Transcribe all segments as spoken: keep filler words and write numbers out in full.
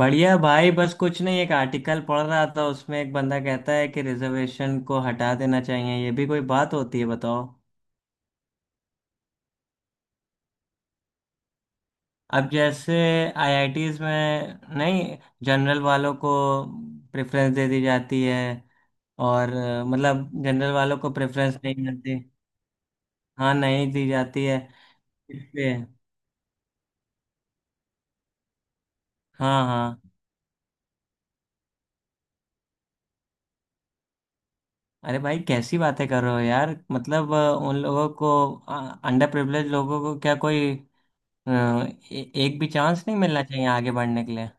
बढ़िया भाई। बस कुछ नहीं, एक आर्टिकल पढ़ रहा था उसमें एक बंदा कहता है कि रिजर्वेशन को हटा देना चाहिए। ये भी कोई बात होती है, बताओ। अब जैसे आईआईटीज में नहीं, जनरल वालों को प्रेफरेंस दे दी जाती है और अ, मतलब जनरल वालों को प्रेफरेंस नहीं मिलती। हाँ, नहीं दी जाती है। इसलिए। हाँ हाँ। अरे भाई, कैसी बातें कर रहे हो यार, मतलब अ, उन लोगों को, अंडर प्रिविलेज लोगों को क्या कोई अ, ए, एक भी चांस नहीं मिलना चाहिए आगे बढ़ने के लिए।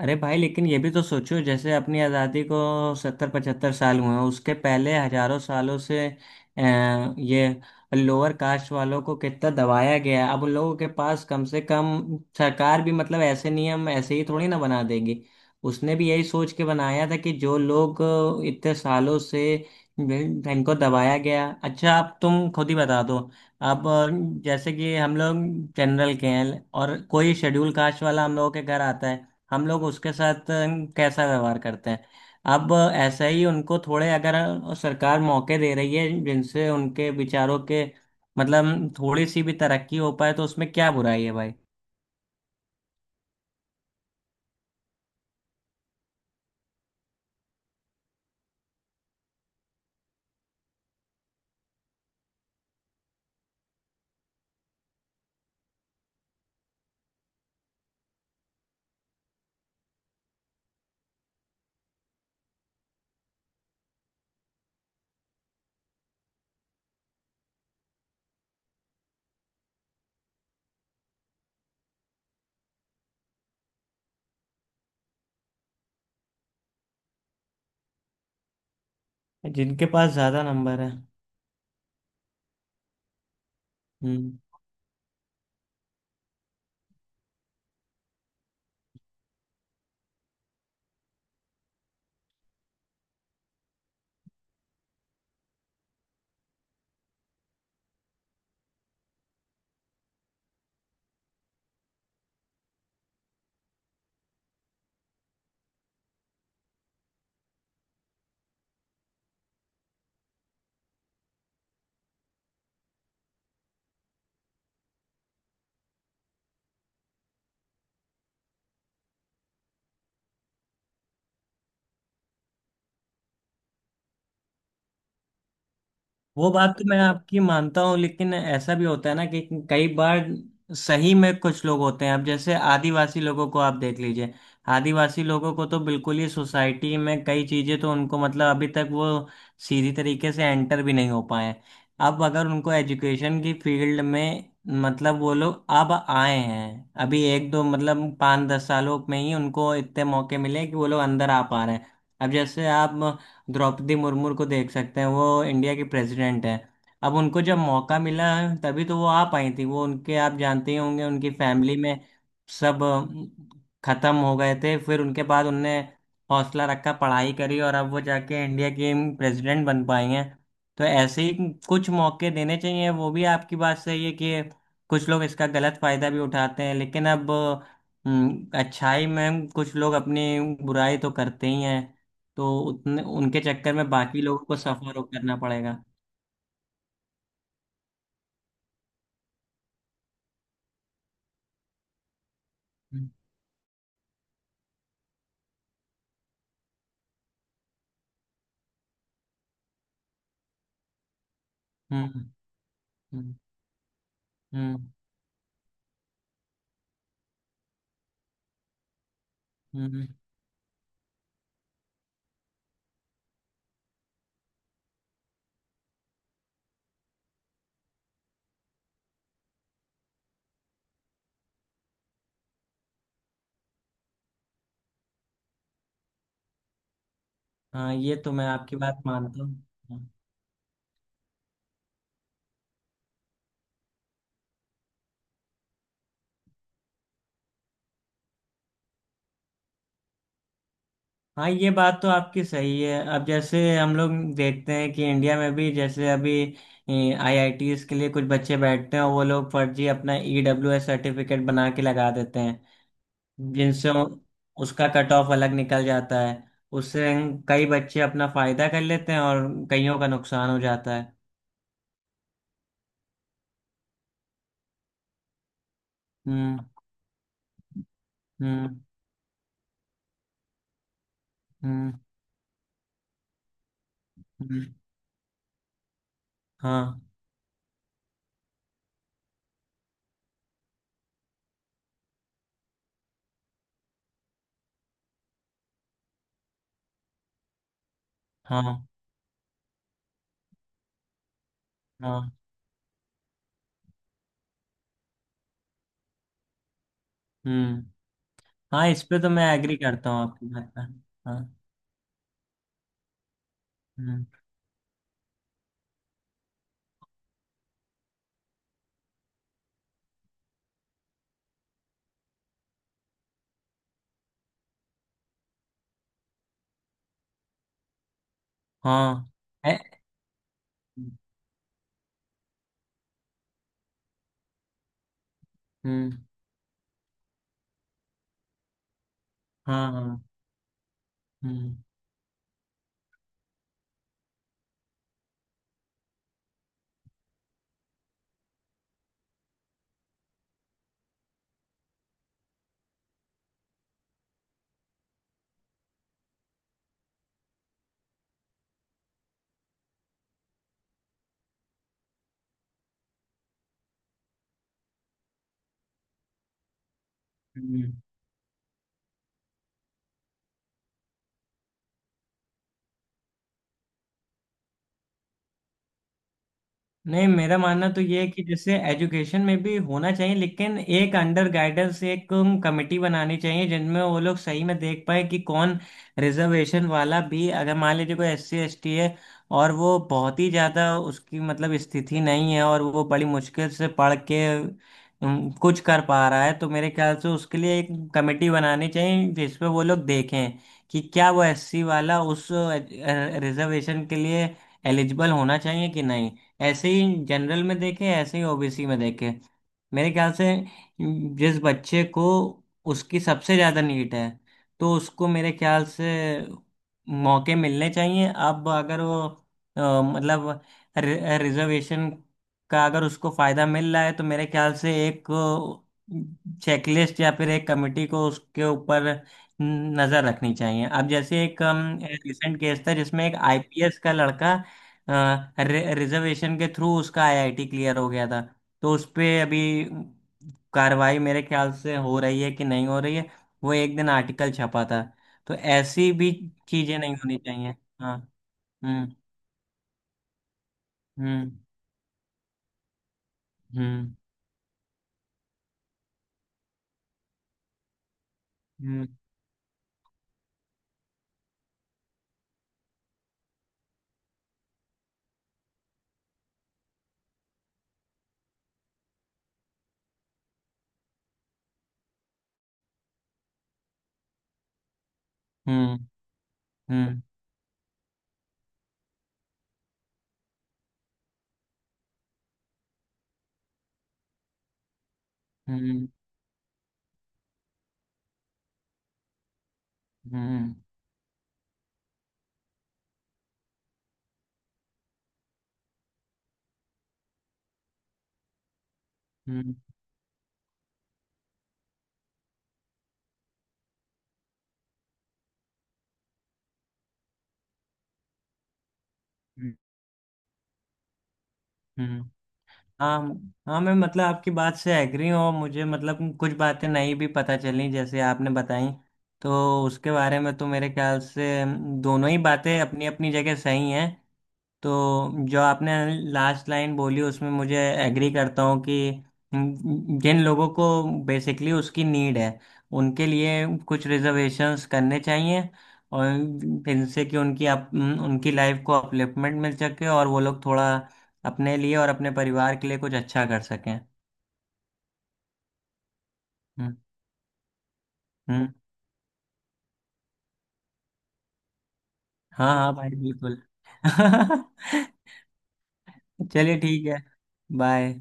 अरे भाई, लेकिन ये भी तो सोचो, जैसे अपनी आज़ादी को सत्तर पचहत्तर साल हुए हैं, उसके पहले हजारों सालों से अ, ये लोअर कास्ट वालों को कितना दबाया गया है। अब उन लोगों के पास कम से कम, सरकार भी मतलब ऐसे नियम ऐसे ही थोड़ी ना बना देगी। उसने भी यही सोच के बनाया था कि जो लोग अ, इतने सालों से वे- इनको दबाया गया। अच्छा अब तुम खुद ही बता दो। अब अ, जैसे कि हम लोग जनरल के हैं और कोई शेड्यूल कास्ट वाला हम लोगों के घर आता है, हम लोग उसके साथ अ, कैसा व्यवहार करते हैं। अब ऐसा ही उनको थोड़े, अगर सरकार मौके दे रही है जिनसे उनके विचारों के मतलब थोड़ी सी भी तरक्की हो पाए, तो उसमें क्या बुराई है भाई। जिनके पास ज्यादा नंबर है। हम्म। वो बात तो मैं आपकी मानता हूँ, लेकिन ऐसा भी होता है ना कि कई बार सही में कुछ लोग होते हैं। अब जैसे आदिवासी लोगों को आप देख लीजिए। आदिवासी लोगों को तो बिल्कुल ही सोसाइटी में, कई चीज़ें तो उनको मतलब अभी तक वो सीधी तरीके से एंटर भी नहीं हो पाए हैं। अब अगर उनको एजुकेशन की फील्ड में, मतलब वो लोग अब आए हैं, अभी एक दो, मतलब पाँच दस सालों में ही उनको इतने मौके मिले कि वो लोग अंदर आ पा रहे हैं। अब जैसे आप द्रौपदी मुर्मू को देख सकते हैं, वो इंडिया की प्रेसिडेंट है। अब उनको जब मौका मिला है तभी तो वो आ पाई थी, वो उनके, आप जानते ही होंगे, उनकी फैमिली में सब अ, खत्म हो गए थे, फिर उनके बाद उनने हौसला रखा, पढ़ाई करी और अब वो जाके इंडिया की प्रेसिडेंट बन पाई हैं। तो ऐसे ही कुछ मौके देने चाहिए। वो भी आपकी बात सही है कि कुछ लोग इसका गलत फायदा भी उठाते हैं, लेकिन अब अ, अच्छाई में कुछ लोग अपनी बुराई तो करते ही हैं, तो उतने उनके चक्कर में बाकी लोगों को सफर करना पड़ेगा। हम्म। हम्म। हम्म। हम्म, हम्म। हाँ, ये तो मैं आपकी बात मानता हूँ। हाँ, ये बात तो आपकी सही है। अब जैसे हम लोग देखते हैं कि इंडिया में भी जैसे अभी आईआईटीज के लिए कुछ बच्चे बैठते हैं, वो लोग फर्जी अपना ईडब्ल्यूएस सर्टिफिकेट बना के लगा देते हैं। जिनसे उ- उसका कट ऑफ अलग निकल जाता है, उससे कई बच्चे अपना फायदा कर लेते हैं और कईयों का नुकसान हो जाता है। हम्म। हम्म। हम्म। हम्म, हाँ हाँ। हाँ। हम्म। हाँ, इस पे तो मैं एग्री करता हूँ आपकी बात पर। हाँ। हम्म। हाँ। है। हम्म। हम्म, हाँ हाँ। हम्म। हम्म। नहीं, मेरा मानना तो ये है कि जैसे एजुकेशन में भी होना चाहिए, लेकिन एक अंडर गाइडेंस, एक कमेटी बनानी चाहिए जिनमें वो लोग सही में देख पाए कि कौन रिजर्वेशन वाला भी, अगर मान लीजिए कोई एस सी एस टी है और वो बहुत ही ज़्यादा, उसकी मतलब स्थिति नहीं है, और वो बड़ी मुश्किल से पढ़ के उम, कुछ कर पा रहा है, तो मेरे ख्याल से उसके लिए एक कमेटी बनानी चाहिए जिसपे वो लोग देखें कि क्या वो एस सी वाला उस रिजर्वेशन के लिए एलिजिबल होना चाहिए कि नहीं। ऐसे ही जनरल में देखे, ऐसे ही ओबीसी में देखे। मेरे ख्याल से जिस बच्चे को उसकी सबसे ज़्यादा नीड है, तो उसको मेरे ख्याल से मौके मिलने चाहिए। अब अगर वो अ, मतलब रि, रिजर्वेशन का अगर उसको फ़ायदा मिल रहा है, तो मेरे ख्याल से एक चेकलिस्ट या फिर एक कमेटी को उसके ऊपर नज़र रखनी चाहिए। अब जैसे एक रिसेंट केस था जिसमें एक आईपीएस का लड़का, रिजर्वेशन के थ्रू उसका आईआईटी क्लियर हो गया था। तो उस पे अभी कार्रवाई मेरे ख्याल से हो रही है कि नहीं हो रही है, वो एक दिन आर्टिकल छपा था। तो ऐसी भी चीजें नहीं होनी चाहिए। हाँ। हम्म। हम्म। हम्म। हम्म। हम्म। हम्म। हम्म। हम्म। हम्म। हम्म। हम्म। हाँ। हाँ, मैं मतलब आपकी बात से एग्री हूँ। मुझे मतलब कुछ बातें नहीं भी पता चली, जैसे आपने बताई, तो उसके बारे में तो मेरे ख्याल से दोनों ही बातें अपनी अपनी जगह सही हैं। तो जो आपने लास्ट लाइन बोली उसमें मुझे एग्री करता हूँ कि जिन लोगों को बेसिकली उसकी नीड है, उनके लिए कुछ रिजर्वेशंस करने चाहिए, और इनसे कि उनकी अप, उनकी लाइफ को अपलिफ्टमेंट मिल सके और वो लोग थोड़ा अपने लिए और अपने परिवार के लिए कुछ अच्छा कर सकें। हम्म। हम्म। हाँ हाँ भाई, बिल्कुल। चलिए ठीक है। बाय।